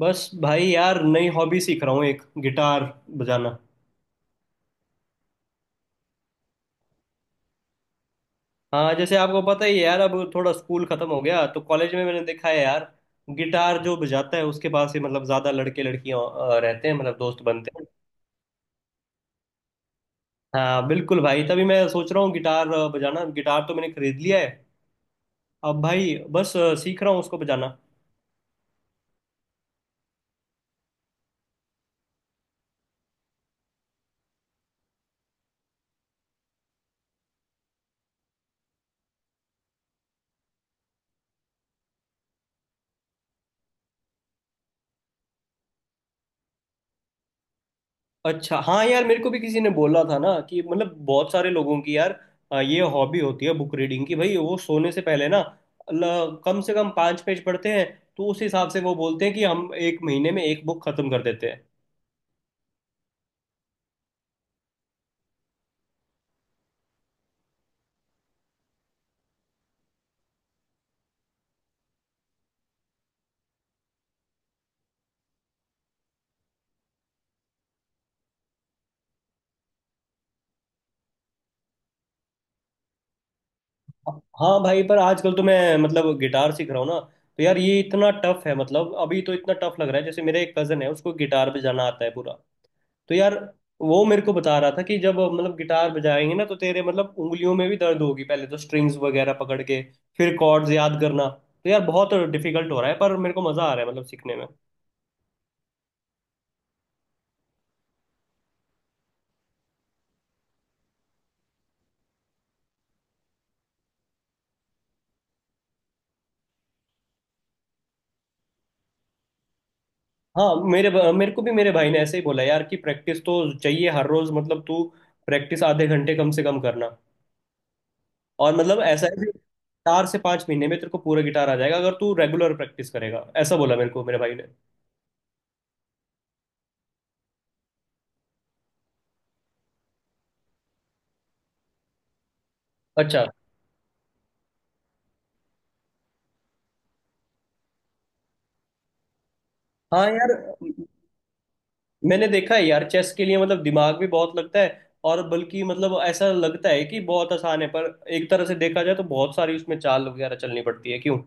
बस भाई यार नई हॉबी सीख रहा हूँ एक गिटार बजाना। हाँ जैसे आपको पता ही है यार, अब थोड़ा स्कूल खत्म हो गया तो कॉलेज में मैंने देखा है यार, गिटार जो बजाता है उसके पास ही मतलब ज्यादा लड़के लड़कियां रहते हैं, मतलब दोस्त बनते हैं। हाँ बिल्कुल भाई, तभी मैं सोच रहा हूँ गिटार बजाना। गिटार तो मैंने खरीद लिया है, अब भाई बस सीख रहा हूँ उसको बजाना। अच्छा। हाँ यार, मेरे को भी किसी ने बोला था ना कि मतलब बहुत सारे लोगों की यार ये हॉबी होती है बुक रीडिंग की। भाई वो सोने से पहले ना कम से कम 5 पेज पढ़ते हैं। तो उस हिसाब से वो बोलते हैं कि हम एक महीने में एक बुक खत्म कर देते हैं। हाँ भाई, पर आजकल तो मैं मतलब गिटार सीख रहा हूँ ना, तो यार ये इतना टफ है, मतलब अभी तो इतना टफ लग रहा है। जैसे मेरे एक कजन है, उसको गिटार बजाना आता है पूरा। तो यार वो मेरे को बता रहा था कि जब मतलब गिटार बजाएंगे ना, तो तेरे मतलब उंगलियों में भी दर्द होगी पहले तो, स्ट्रिंग्स वगैरह पकड़ के फिर कॉर्ड्स याद करना। तो यार बहुत डिफिकल्ट हो रहा है, पर मेरे को मजा आ रहा है मतलब सीखने में। हाँ, मेरे मेरे को भी मेरे भाई ने ऐसे ही बोला यार कि प्रैक्टिस तो चाहिए हर रोज, मतलब तू प्रैक्टिस आधे घंटे कम से कम करना। और मतलब ऐसा है कि 4 से 5 महीने में तेरे को पूरा गिटार आ जाएगा अगर तू रेगुलर प्रैक्टिस करेगा। ऐसा बोला मेरे को मेरे भाई ने। अच्छा। हाँ यार, मैंने देखा है यार चेस के लिए मतलब दिमाग भी बहुत लगता है। और बल्कि मतलब ऐसा लगता है कि बहुत आसान है, पर एक तरह से देखा जाए तो बहुत सारी उसमें चाल वगैरह चलनी पड़ती है, क्यों।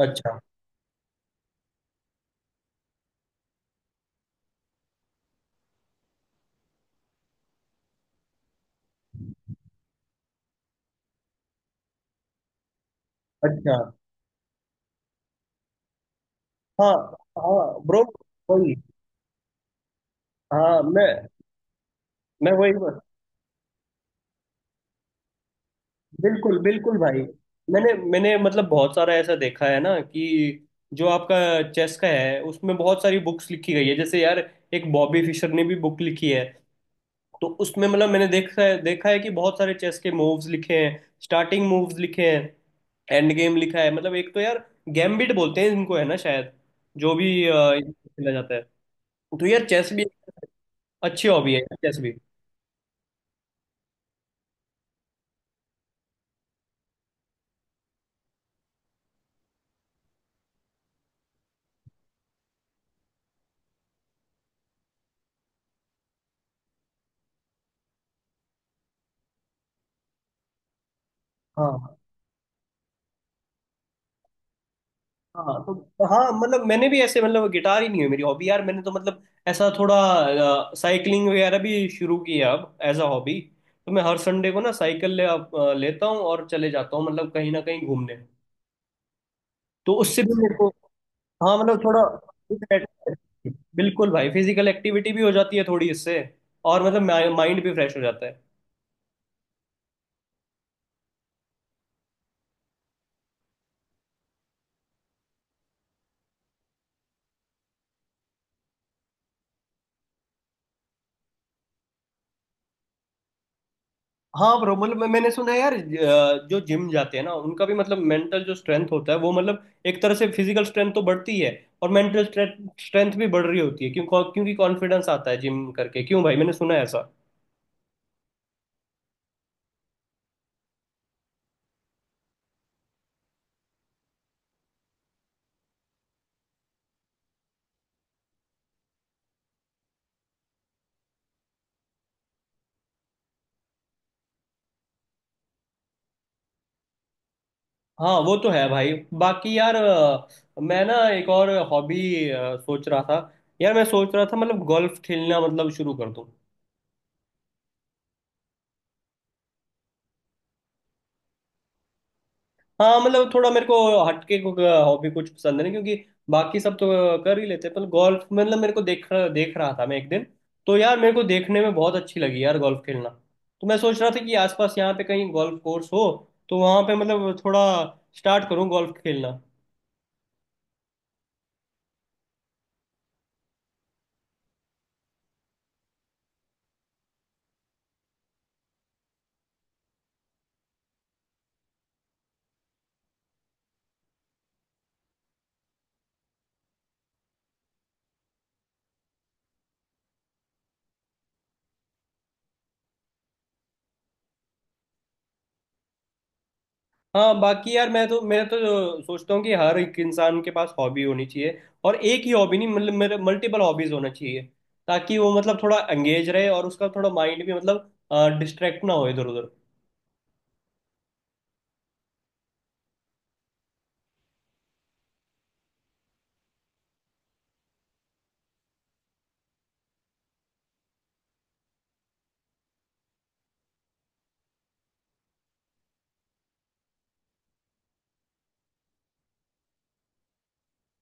अच्छा। अच्छा। हाँ। हाँ ब्रो। वही। हाँ। मैं वही। बिल्कुल, बिल्कुल भाई। मैंने मैंने मतलब बहुत सारा ऐसा देखा है ना कि जो आपका चेस का है उसमें बहुत सारी बुक्स लिखी गई है। जैसे यार एक बॉबी फिशर ने भी बुक लिखी है। तो उसमें मतलब मैंने देखा है कि बहुत सारे चेस के मूव्स लिखे हैं, स्टार्टिंग मूव्स लिखे हैं, एंड गेम लिखा है। मतलब एक तो यार गैम्बिट बोलते हैं इनको है ना शायद, जो भी इनको खेला जाता है। तो यार चेस भी अच्छी हॉबी है, चेस भी। हाँ। हाँ तो। हाँ मतलब मैंने भी ऐसे, मतलब गिटार ही नहीं है मेरी हॉबी यार। मैंने तो मतलब ऐसा थोड़ा साइकिलिंग वगैरह भी शुरू की है अब, एज अ हॉबी। तो मैं हर संडे को ना साइकिल ले लेता हूँ और चले जाता हूँ मतलब, कहीं ना कहीं घूमने। तो उससे भी मेरे को। हाँ मतलब थोड़ा। बिल्कुल भाई, फिजिकल एक्टिविटी भी हो जाती है थोड़ी इससे। और मतलब माइंड भी फ्रेश हो जाता है। हाँ ब्रो, मतलब मैंने सुना है यार जो जिम जाते हैं ना उनका भी, मतलब मेंटल जो स्ट्रेंथ होता है वो, मतलब एक तरह से फिजिकल स्ट्रेंथ तो बढ़ती ही है और मेंटल स्ट्रेंथ भी बढ़ रही होती है, क्यों। क्योंकि कॉन्फिडेंस आता है जिम करके, क्यों भाई, मैंने सुना है ऐसा। हाँ वो तो है भाई। बाकी यार मैं ना एक और हॉबी सोच रहा था। यार मैं सोच रहा था, मतलब गोल्फ खेलना मतलब शुरू कर दूं। हाँ मतलब थोड़ा मेरे को हटके को हॉबी कुछ पसंद नहीं, क्योंकि बाकी सब तो कर ही लेते हैं। पर गोल्फ, मतलब मेरे को देख देख रहा था मैं एक दिन, तो यार मेरे को देखने में बहुत अच्छी लगी यार गोल्फ खेलना। तो मैं सोच रहा था कि आसपास यहाँ पे कहीं गोल्फ कोर्स हो तो वहाँ पे मतलब थोड़ा स्टार्ट करूँ गोल्फ खेलना। हाँ, बाकी यार मैं तो सोचता हूँ कि हर एक इंसान के पास हॉबी होनी चाहिए। और एक ही हॉबी नहीं, मतलब मेरे मल्टीपल हॉबीज होना चाहिए, ताकि वो मतलब थोड़ा एंगेज रहे और उसका थोड़ा माइंड भी मतलब डिस्ट्रैक्ट ना हो इधर उधर।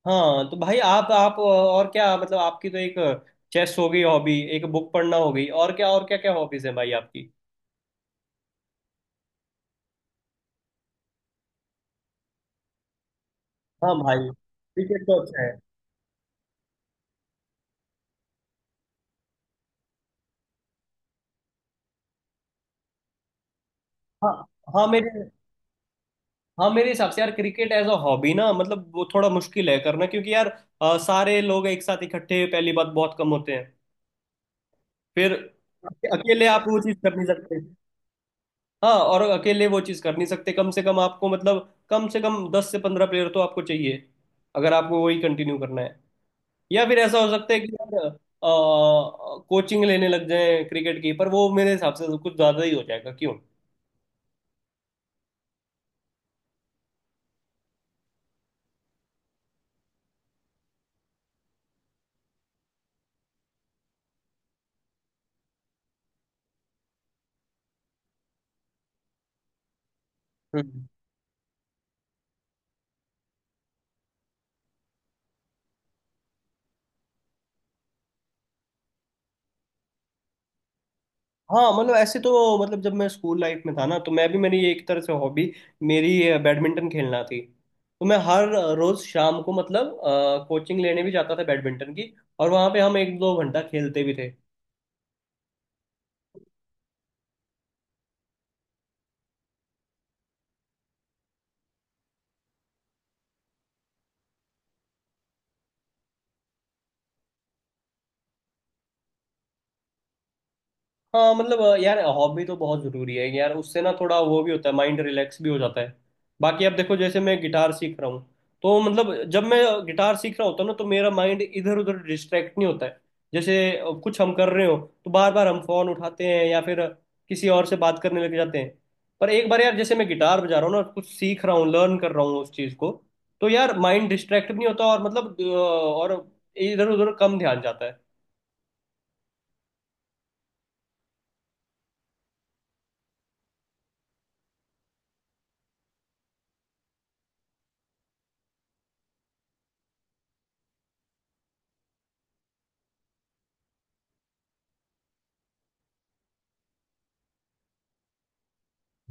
हाँ तो भाई, आप और क्या, मतलब आपकी तो एक चेस हो गई हॉबी, एक बुक पढ़ना हो गई, और क्या, और क्या क्या हॉबीज है भाई आपकी। हाँ भाई, क्रिकेट तो अच्छा है। हाँ। हाँ मेरे हाँ, मेरे हिसाब से यार क्रिकेट एज अ हॉबी ना, मतलब वो थोड़ा मुश्किल है करना, क्योंकि यार सारे लोग एक साथ इकट्ठे पहली बात बहुत कम होते हैं। फिर अकेले आप वो चीज़ कर नहीं सकते। हाँ, और अकेले वो चीज़ कर नहीं सकते। कम से कम आपको मतलब कम से कम 10 से 15 प्लेयर तो आपको चाहिए अगर आपको वही कंटिन्यू करना है। या फिर ऐसा हो सकता है कि यार कोचिंग लेने लग जाए क्रिकेट की, पर वो मेरे हिसाब से तो कुछ ज्यादा ही हो जाएगा, क्यों। हम्म। हाँ मतलब ऐसे तो, मतलब जब मैं स्कूल लाइफ में था ना, तो मैं भी, मेरी एक तरह से हॉबी मेरी बैडमिंटन खेलना थी। तो मैं हर रोज शाम को मतलब कोचिंग लेने भी जाता था बैडमिंटन की, और वहाँ पे हम एक दो घंटा खेलते भी थे। हाँ मतलब यार हॉबी तो बहुत ज़रूरी है यार, उससे ना थोड़ा वो भी होता है, माइंड रिलैक्स भी हो जाता है। बाकी अब देखो, जैसे मैं गिटार सीख रहा हूँ, तो मतलब जब मैं गिटार सीख रहा होता हूँ ना, तो मेरा माइंड इधर उधर डिस्ट्रैक्ट नहीं होता है। जैसे कुछ हम कर रहे हो, तो बार बार हम फ़ोन उठाते हैं या फिर किसी और से बात करने लग जाते हैं। पर एक बार यार, जैसे मैं गिटार बजा रहा हूँ ना, कुछ सीख रहा हूँ, लर्न कर रहा हूँ उस चीज़ को, तो यार माइंड डिस्ट्रैक्ट भी नहीं होता, और मतलब और इधर उधर कम ध्यान जाता है।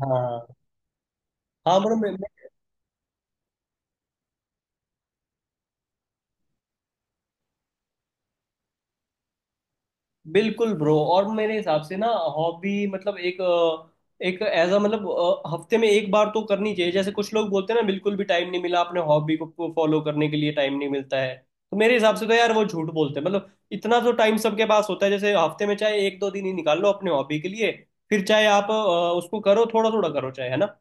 हाँ। हाँ मतलब मैं बिल्कुल ब्रो। और मेरे हिसाब से ना, हॉबी मतलब एक एक, एज अ मतलब हफ्ते में एक बार तो करनी चाहिए। जैसे कुछ लोग बोलते हैं ना, बिल्कुल भी टाइम नहीं मिला, अपने हॉबी को फॉलो करने के लिए टाइम नहीं मिलता है। तो मेरे हिसाब से तो यार वो झूठ बोलते हैं, मतलब इतना तो टाइम सबके पास होता है। जैसे हफ्ते में चाहे एक दो दिन ही निकाल लो अपने हॉबी के लिए। फिर चाहे आप उसको करो, थोड़ा थोड़ा करो, चाहे, है ना।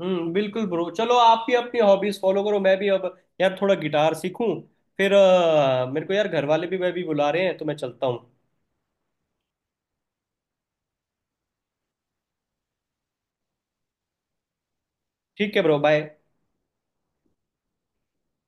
हम्म, बिल्कुल ब्रो, चलो आप भी अपनी हॉबीज फॉलो करो, मैं भी अब यार थोड़ा गिटार सीखूं। फिर मेरे को यार घर वाले भी, मैं भी बुला रहे हैं, तो मैं चलता हूँ। ठीक है ब्रो, बाय।